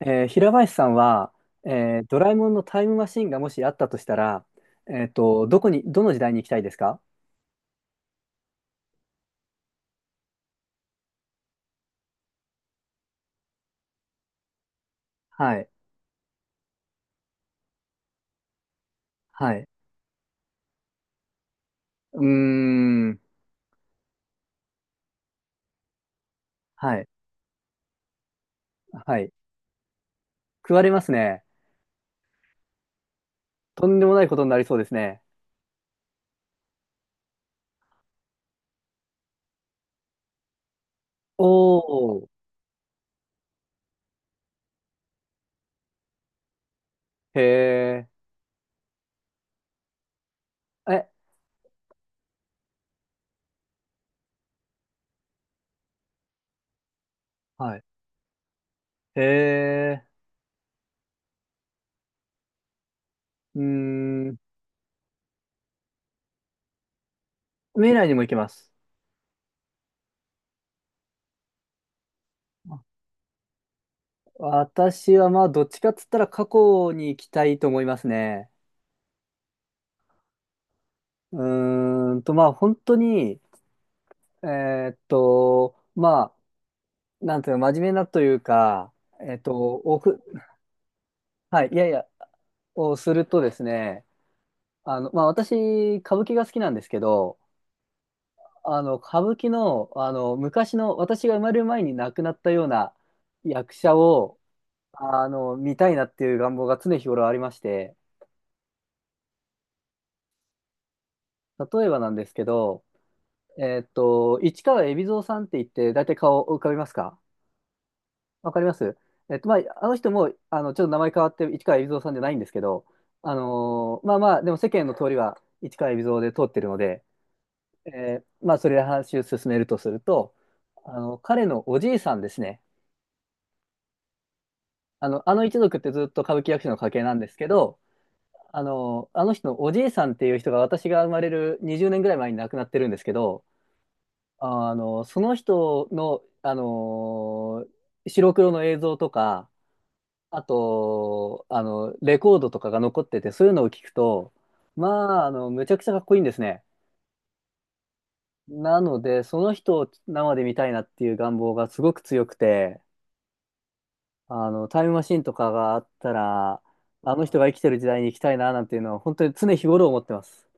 平林さんは、ドラえもんのタイムマシンがもしあったとしたら、どこに、どの時代に行きたいですか？はい。はい。うーん。はい。はい。食われますね。とんでもないことになりそうですね。おー。へえ。え、はい。へえ。うーん。未来にも行けます。私はまあ、どっちかっつったら過去に行きたいと思いますね。うまあ、本当に、えまあ、なんていうの真面目なというか、えっと、おく、はい、いやいや、をするとですね、まあ、私、歌舞伎が好きなんですけど、歌舞伎の、昔の、私が生まれる前に亡くなったような役者を、見たいなっていう願望が常日頃ありまして、例えばなんですけど、市川海老蔵さんって言って、大体顔を浮かびますか？わかります。まあ、あの人も、ちょっと名前変わって、市川海老蔵さんじゃないんですけど、まあまあ、でも世間の通りは市川海老蔵で通ってるので、えまあ、それで話を進めるとすると、彼のおじいさんですね。あのあの一族ってずっと歌舞伎役者の家系なんですけど、あの、あの人のおじいさんっていう人が私が生まれる20年ぐらい前に亡くなってるんですけど、その人の、白黒の映像とか、あと、レコードとかが残ってて、そういうのを聞くと、まあ、むちゃくちゃかっこいいんですね。なので、その人を生で見たいなっていう願望がすごく強くて、タイムマシンとかがあったら、あの人が生きてる時代に行きたいな、なんていうのは、本当に常日頃思ってます。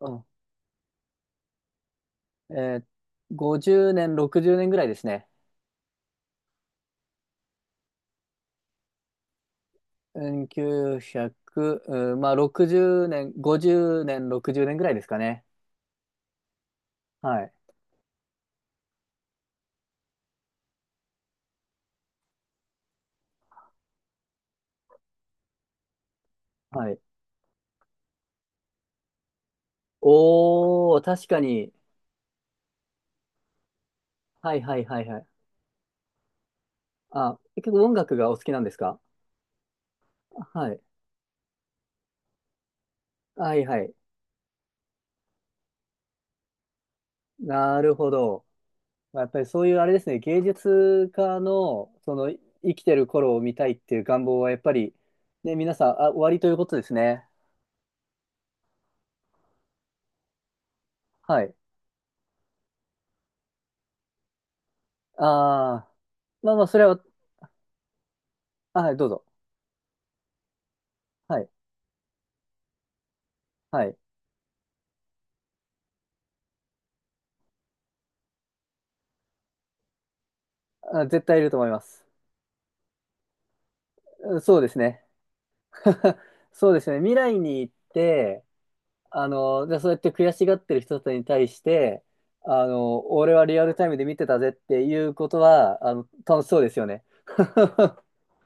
うん。えー50年、60年ぐらいですね。うん、9 0うひゃくうん、まあ、60年、50年、60年ぐらいですかね。はい。はい。おー、確かに、はいはいはいはい。あ、結構音楽がお好きなんですか？はい。はいはい。なるほど。やっぱりそういうあれですね、芸術家の、その、生きてる頃を見たいっていう願望はやっぱり、ね、皆さん、あ、おありということですね。はい。ああ、まあまあ、それは、あはい、どうぞ。はい。はい。あ、絶対いると思います。うん、そうですね。そうですね。未来に行って、じゃあそうやって悔しがってる人たちに対して、俺はリアルタイムで見てたぜっていうことは、楽しそうですよね。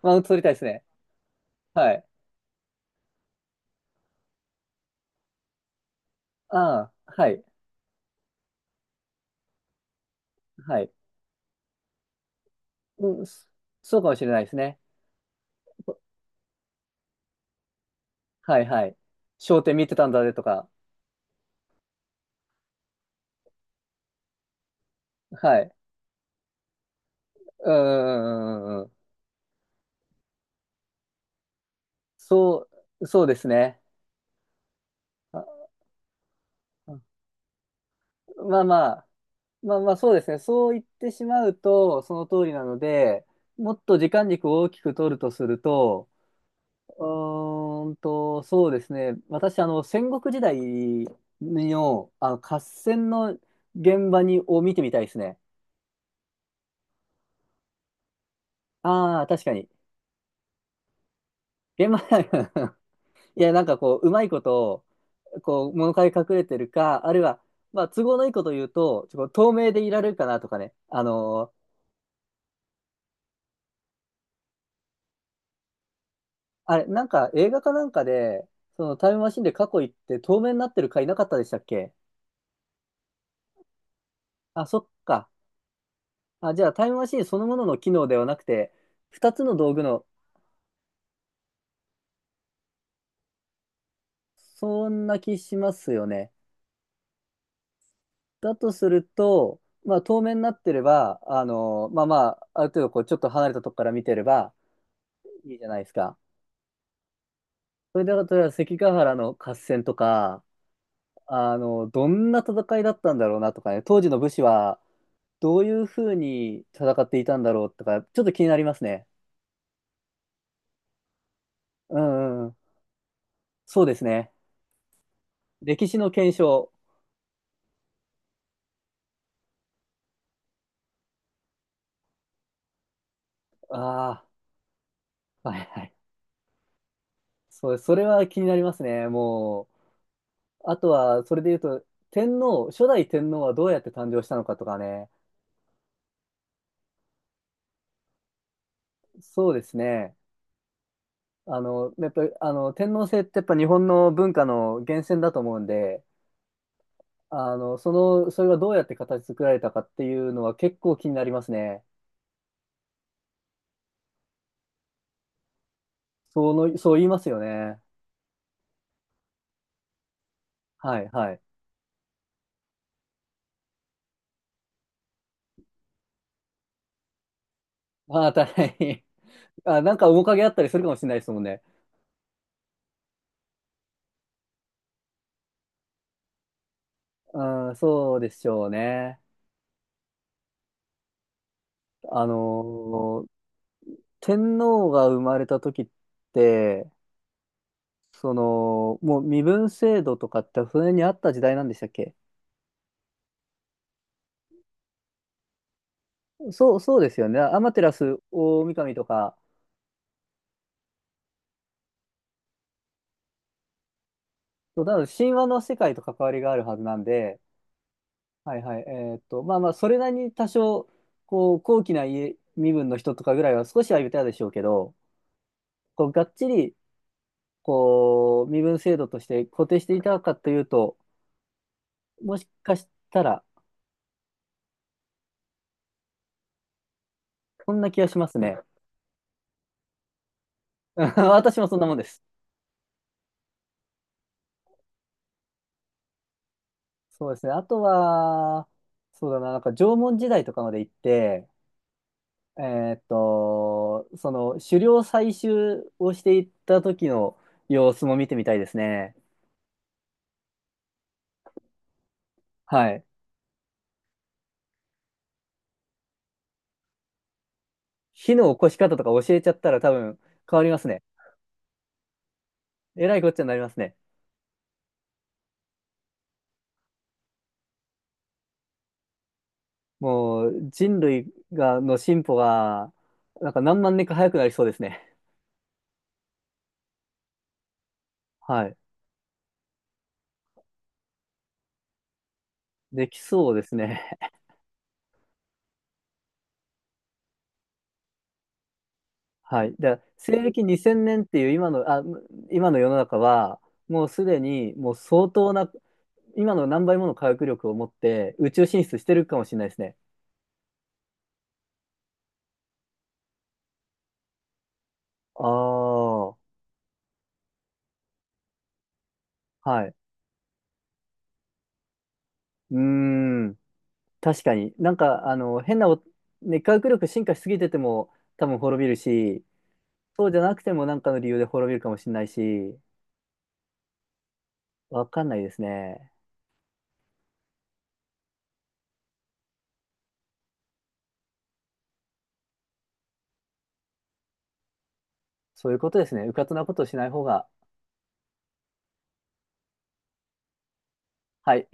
マウント取りたいですね。はい。ああ、はい、はい。うん、そうかもしれないですね。はい、はい。焦点見てたんだぜとか。はい。うん、うん、うん、うんうん。そそうですね。あ、まあまあ、まあまあそうですね。そう言ってしまうと、その通りなので、もっと時間軸を大きく取るとすると、そうですね。私、戦国時代の、合戦の現場に、を見てみたいですね。ああ、確かに。現場、いや、なんかこう、うまいこと、こう、物陰隠れてるか、あるいは、まあ、都合のいいこと言うと、ちょっと透明でいられるかなとかね。あれ、なんか映画かなんかで、そのタイムマシンで過去行って透明になってる回なかったでしたっけ？あ、そっか。あ、じゃあタイムマシンそのものの機能ではなくて、二つの道具の、そんな気しますよね。だとすると、まあ透明になってれば、まあまあ、ある程度こうちょっと離れたとこから見てればいいじゃないですか。それで、例えば関ヶ原の合戦とか、どんな戦いだったんだろうなとかね、当時の武士はどういうふうに戦っていたんだろうとか、ちょっと気になりますね。うんうん。そうですね。歴史の検証。ああ、はいはい。そう、それは気になりますね。もう、あとは、それで言うと、初代天皇はどうやって誕生したのかとかね。そうですね。やっぱり、天皇制ってやっぱ日本の文化の源泉だと思うんで、それがどうやって形作られたかっていうのは結構気になりますね。そうの、そう言いますよね。はいはい。ああ、大変。あ、なんか面影あったりするかもしれないですもんね。うん、そうでしょうね。あのー天皇が生まれた時って、その、もう身分制度とかって船にあった時代なんでしたっけ？そうですよね。アマテラス大神とか、そうなので神話の世界と関わりがあるはずなんで、はいはい、まあまあ、それなりに多少、こう、高貴な家身分の人とかぐらいは少しは言ったでしょうけど、こう、がっちり、こう、身分制度として固定していたかというと、もしかしたら、そんな気がしますね。私もそんなもんです。そうですね。あとは、そうだな、なんか縄文時代とかまで行って、えその狩猟採集をしていった時の様子も見てみたいですね。はい。火の起こし方とか教えちゃったら多分変わりますね。えらいこっちゃになりますね。もう人類が、の進歩が、なんか何万年か早くなりそうですね。はい。できそうですね。はい。で、西暦2000年っていう今の世の中は、もうすでにもう相当な、今の何倍もの科学力を持って宇宙進出してるかもしれないですね。ああ、はい。うーん。確かに。なんか、あの、変なお、ね、科学力進化しすぎてても多分滅びるし、そうじゃなくてもなんかの理由で滅びるかもしれないし、わかんないですね。そういうことですね。うかつなことをしない方が、はい。